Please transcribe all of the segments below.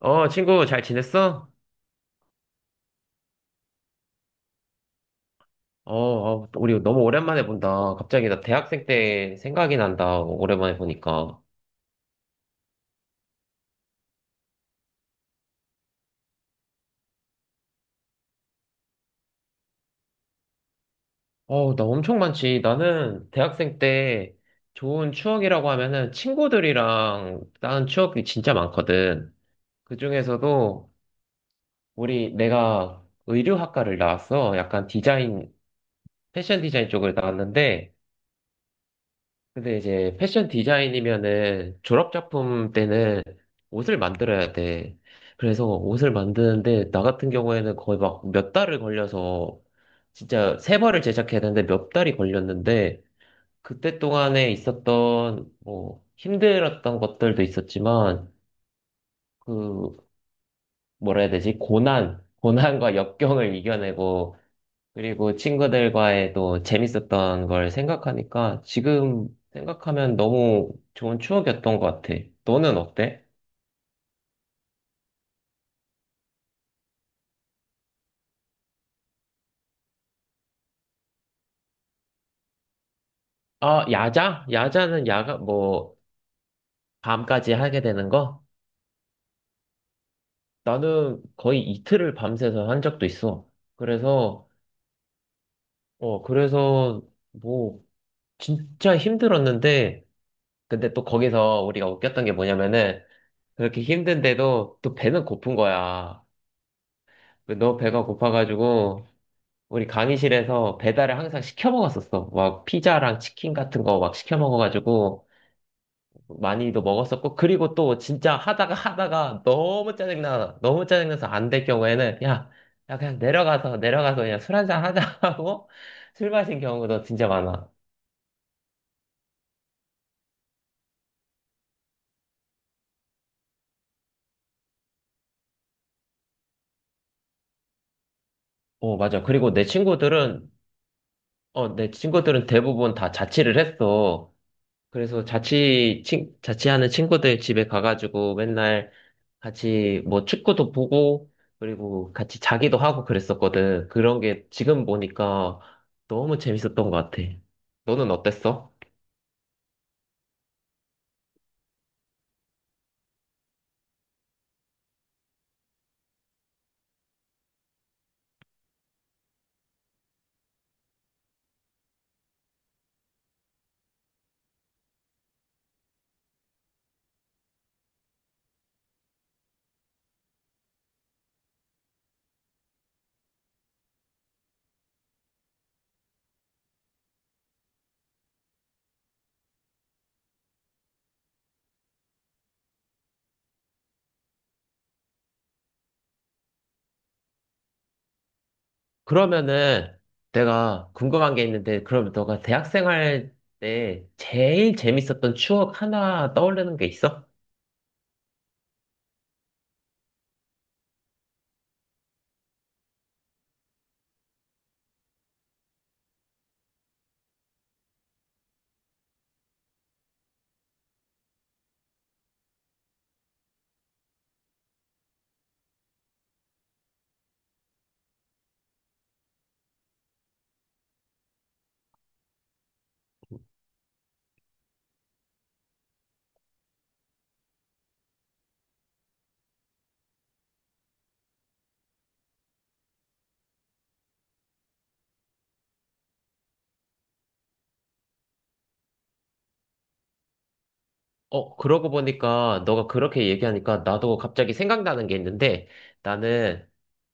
어, 친구, 잘 지냈어? 우리 너무 오랜만에 본다. 갑자기 나 대학생 때 생각이 난다. 오랜만에 보니까. 어, 나 엄청 많지. 나는 대학생 때 좋은 추억이라고 하면은 친구들이랑 다는 추억이 진짜 많거든. 그 중에서도 내가 의류학과를 나왔어. 약간 디자인, 패션 디자인 쪽을 나왔는데, 근데 이제 패션 디자인이면은 졸업 작품 때는 옷을 만들어야 돼. 그래서 옷을 만드는데 나 같은 경우에는 거의 막 몇 달을 걸려서 진짜 세 벌을 제작해야 되는데 몇 달이 걸렸는데 그때 동안에 있었던 뭐 힘들었던 것들도 있었지만 그 뭐라 해야 되지? 고난과 역경을 이겨내고 그리고 친구들과의 또 재밌었던 걸 생각하니까 지금 생각하면 너무 좋은 추억이었던 것 같아. 너는 어때? 아, 야자? 야자는 야가 뭐 밤까지 하게 되는 거? 나는 거의 이틀을 밤새서 한 적도 있어. 그래서 그래서 뭐 진짜 힘들었는데 근데 또 거기서 우리가 웃겼던 게 뭐냐면은 그렇게 힘든데도 또 배는 고픈 거야. 너 배가 고파가지고 우리 강의실에서 배달을 항상 시켜 먹었었어. 막 피자랑 치킨 같은 거 막 시켜 먹어가지고 많이도 먹었었고, 그리고 또 진짜 하다가 하다가 너무 짜증나서 안 될 경우에는 야, 그냥 내려가서 그냥 술 한잔 하자 하고 술 마신 경우도 진짜 많아. 어, 맞아. 그리고 내 친구들은 대부분 다 자취를 했어. 그래서 자취하는 친구들 집에 가가지고 맨날 같이 뭐 축구도 보고, 그리고 같이 자기도 하고 그랬었거든. 그런 게 지금 보니까 너무 재밌었던 것 같아. 너는 어땠어? 그러면은 내가 궁금한 게 있는데, 그럼 너가 대학 생활 때 제일 재밌었던 추억 하나 떠오르는 게 있어? 어, 그러고 보니까 너가 그렇게 얘기하니까 나도 갑자기 생각나는 게 있는데 나는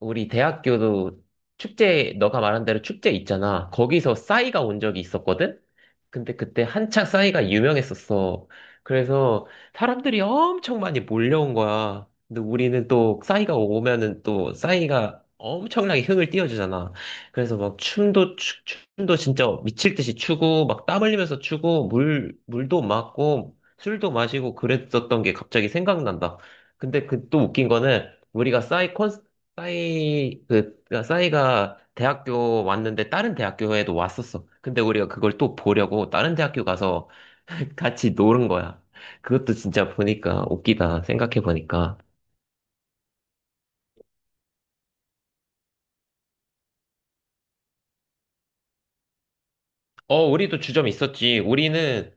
우리 대학교도 너가 말한 대로 축제 있잖아. 거기서 싸이가 온 적이 있었거든? 근데 그때 한창 싸이가 유명했었어. 그래서 사람들이 엄청 많이 몰려온 거야. 근데 우리는 또 싸이가 오면은 또 싸이가 엄청나게 흥을 띄워주잖아. 그래서 막 춤도 진짜 미칠 듯이 추고 막 땀 흘리면서 추고 물 물도 맞고 술도 마시고 그랬었던 게 갑자기 생각난다. 근데 그 또 웃긴 거는 우리가 싸이 콘 싸이 그 그러니까 싸이가 대학교 왔는데 다른 대학교에도 왔었어. 근데 우리가 그걸 또 보려고 다른 대학교 가서 같이 노는 거야. 그것도 진짜 보니까 웃기다. 생각해 보니까. 어, 우리도 주점 있었지. 우리는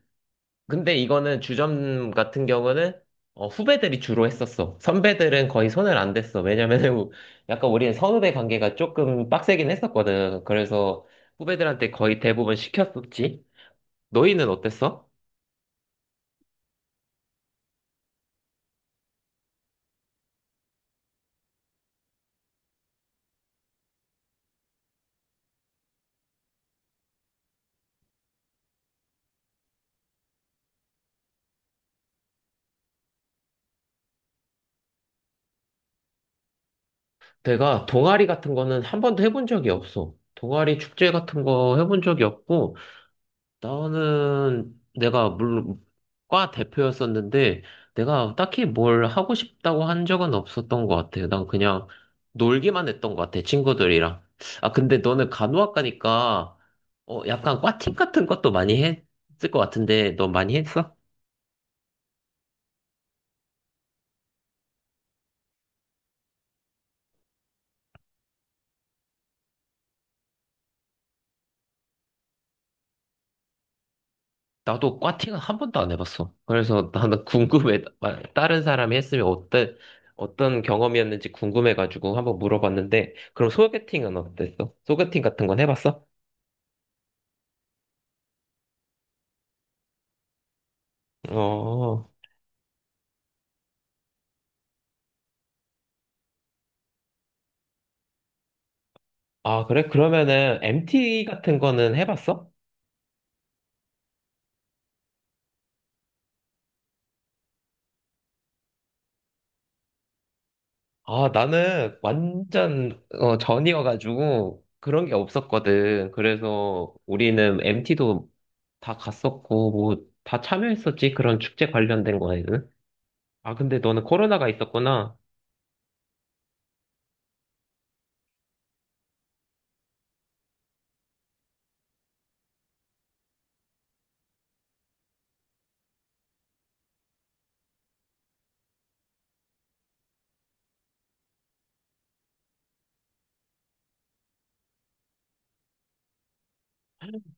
근데 이거는 주점 같은 경우는 후배들이 주로 했었어. 선배들은 거의 손을 안 댔어. 왜냐면은 약간 우리는 선후배 관계가 조금 빡세긴 했었거든. 그래서 후배들한테 거의 대부분 시켰었지. 너희는 어땠어? 내가 동아리 같은 거는 한 번도 해본 적이 없어. 동아리 축제 같은 거 해본 적이 없고, 나는 내가 물론 과 대표였었는데 내가 딱히 뭘 하고 싶다고 한 적은 없었던 것 같아요. 난 그냥 놀기만 했던 것 같아, 친구들이랑. 아, 근데 너는 간호학과니까 약간 과팅 같은 것도 많이 했을 것 같은데 너 많이 했어? 나도 과팅은 한 번도 안 해봤어. 그래서 나는 궁금해. 다른 사람이 했으면 어때, 어떤 경험이었는지 궁금해가지고 한번 물어봤는데 그럼 소개팅은 어땠어? 소개팅 같은 건 해봤어? 어. 아, 그래? 그러면은 MT 같은 거는 해봤어? 아, 나는 완전 전이어가지고 그런 게 없었거든. 그래서 우리는 MT도 다 갔었고 뭐 다 참여했었지. 그런 축제 관련된 거에는. 아, 근데 너는 코로나가 있었구나.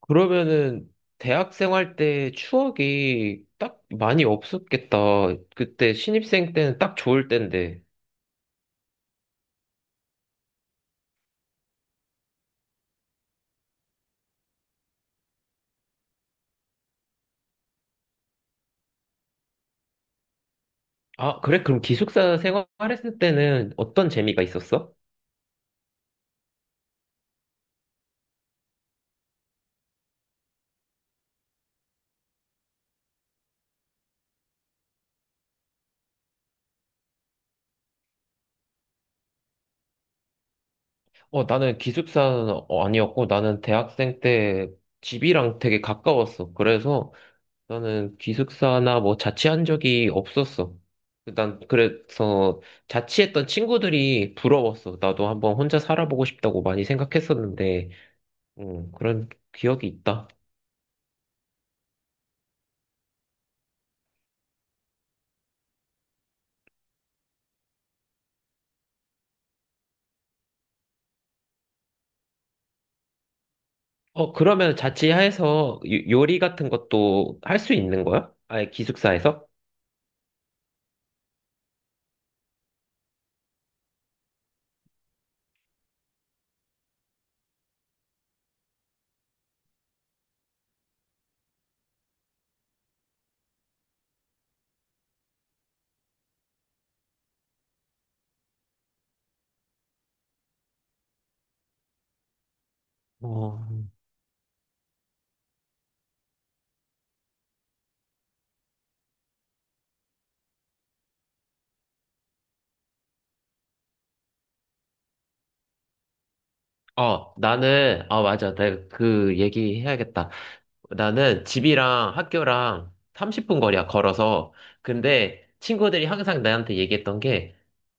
그러면은 대학생 할 때 추억이 딱 많이 없었겠다. 그때 신입생 때는 딱 좋을 때인데. 아, 그래? 그럼 기숙사 생활했을 때는 어떤 재미가 있었어? 어, 나는 기숙사는 아니었고, 나는 대학생 때 집이랑 되게 가까웠어. 그래서 나는 기숙사나 뭐 자취한 적이 없었어. 난 그래서 자취했던 친구들이 부러웠어. 나도 한번 혼자 살아보고 싶다고 많이 생각했었는데, 그런 기억이 있다. 어, 그러면 자취해서 요리 같은 것도 할 수 있는 거야? 아예 기숙사에서? 어, 아, 맞아. 내가 그 얘기 해야겠다. 나는 집이랑 학교랑 30분 거리야, 걸어서. 근데 친구들이 항상 나한테 얘기했던 게,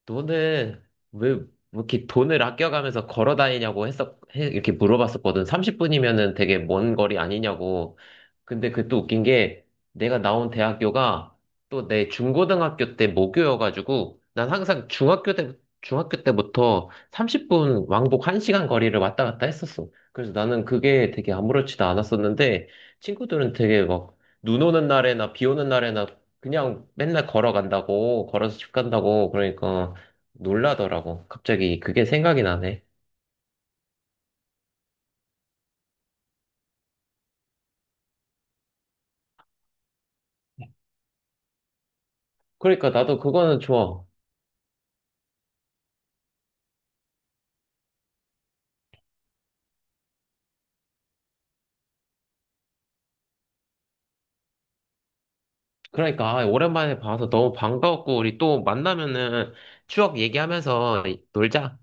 너는 왜, 이렇게 돈을 아껴가면서 걸어 다니냐고 이렇게 물어봤었거든. 30분이면은 되게 먼 거리 아니냐고. 근데 그 또 웃긴 게, 내가 나온 대학교가 또 내 중고등학교 때 모교여가지고, 난 항상 중학교 때부터 30분 왕복 1시간 거리를 왔다 갔다 했었어. 그래서 나는 그게 되게 아무렇지도 않았었는데, 친구들은 되게 막, 눈 오는 날에나 비 오는 날에나 그냥 맨날 걸어간다고, 걸어서 집 간다고, 그러니까 놀라더라고. 갑자기 그게 생각이 나네. 그러니까 나도 그거는 좋아. 그러니까, 아, 오랜만에 봐서 너무 반가웠고, 우리 또 만나면은 추억 얘기하면서 놀자.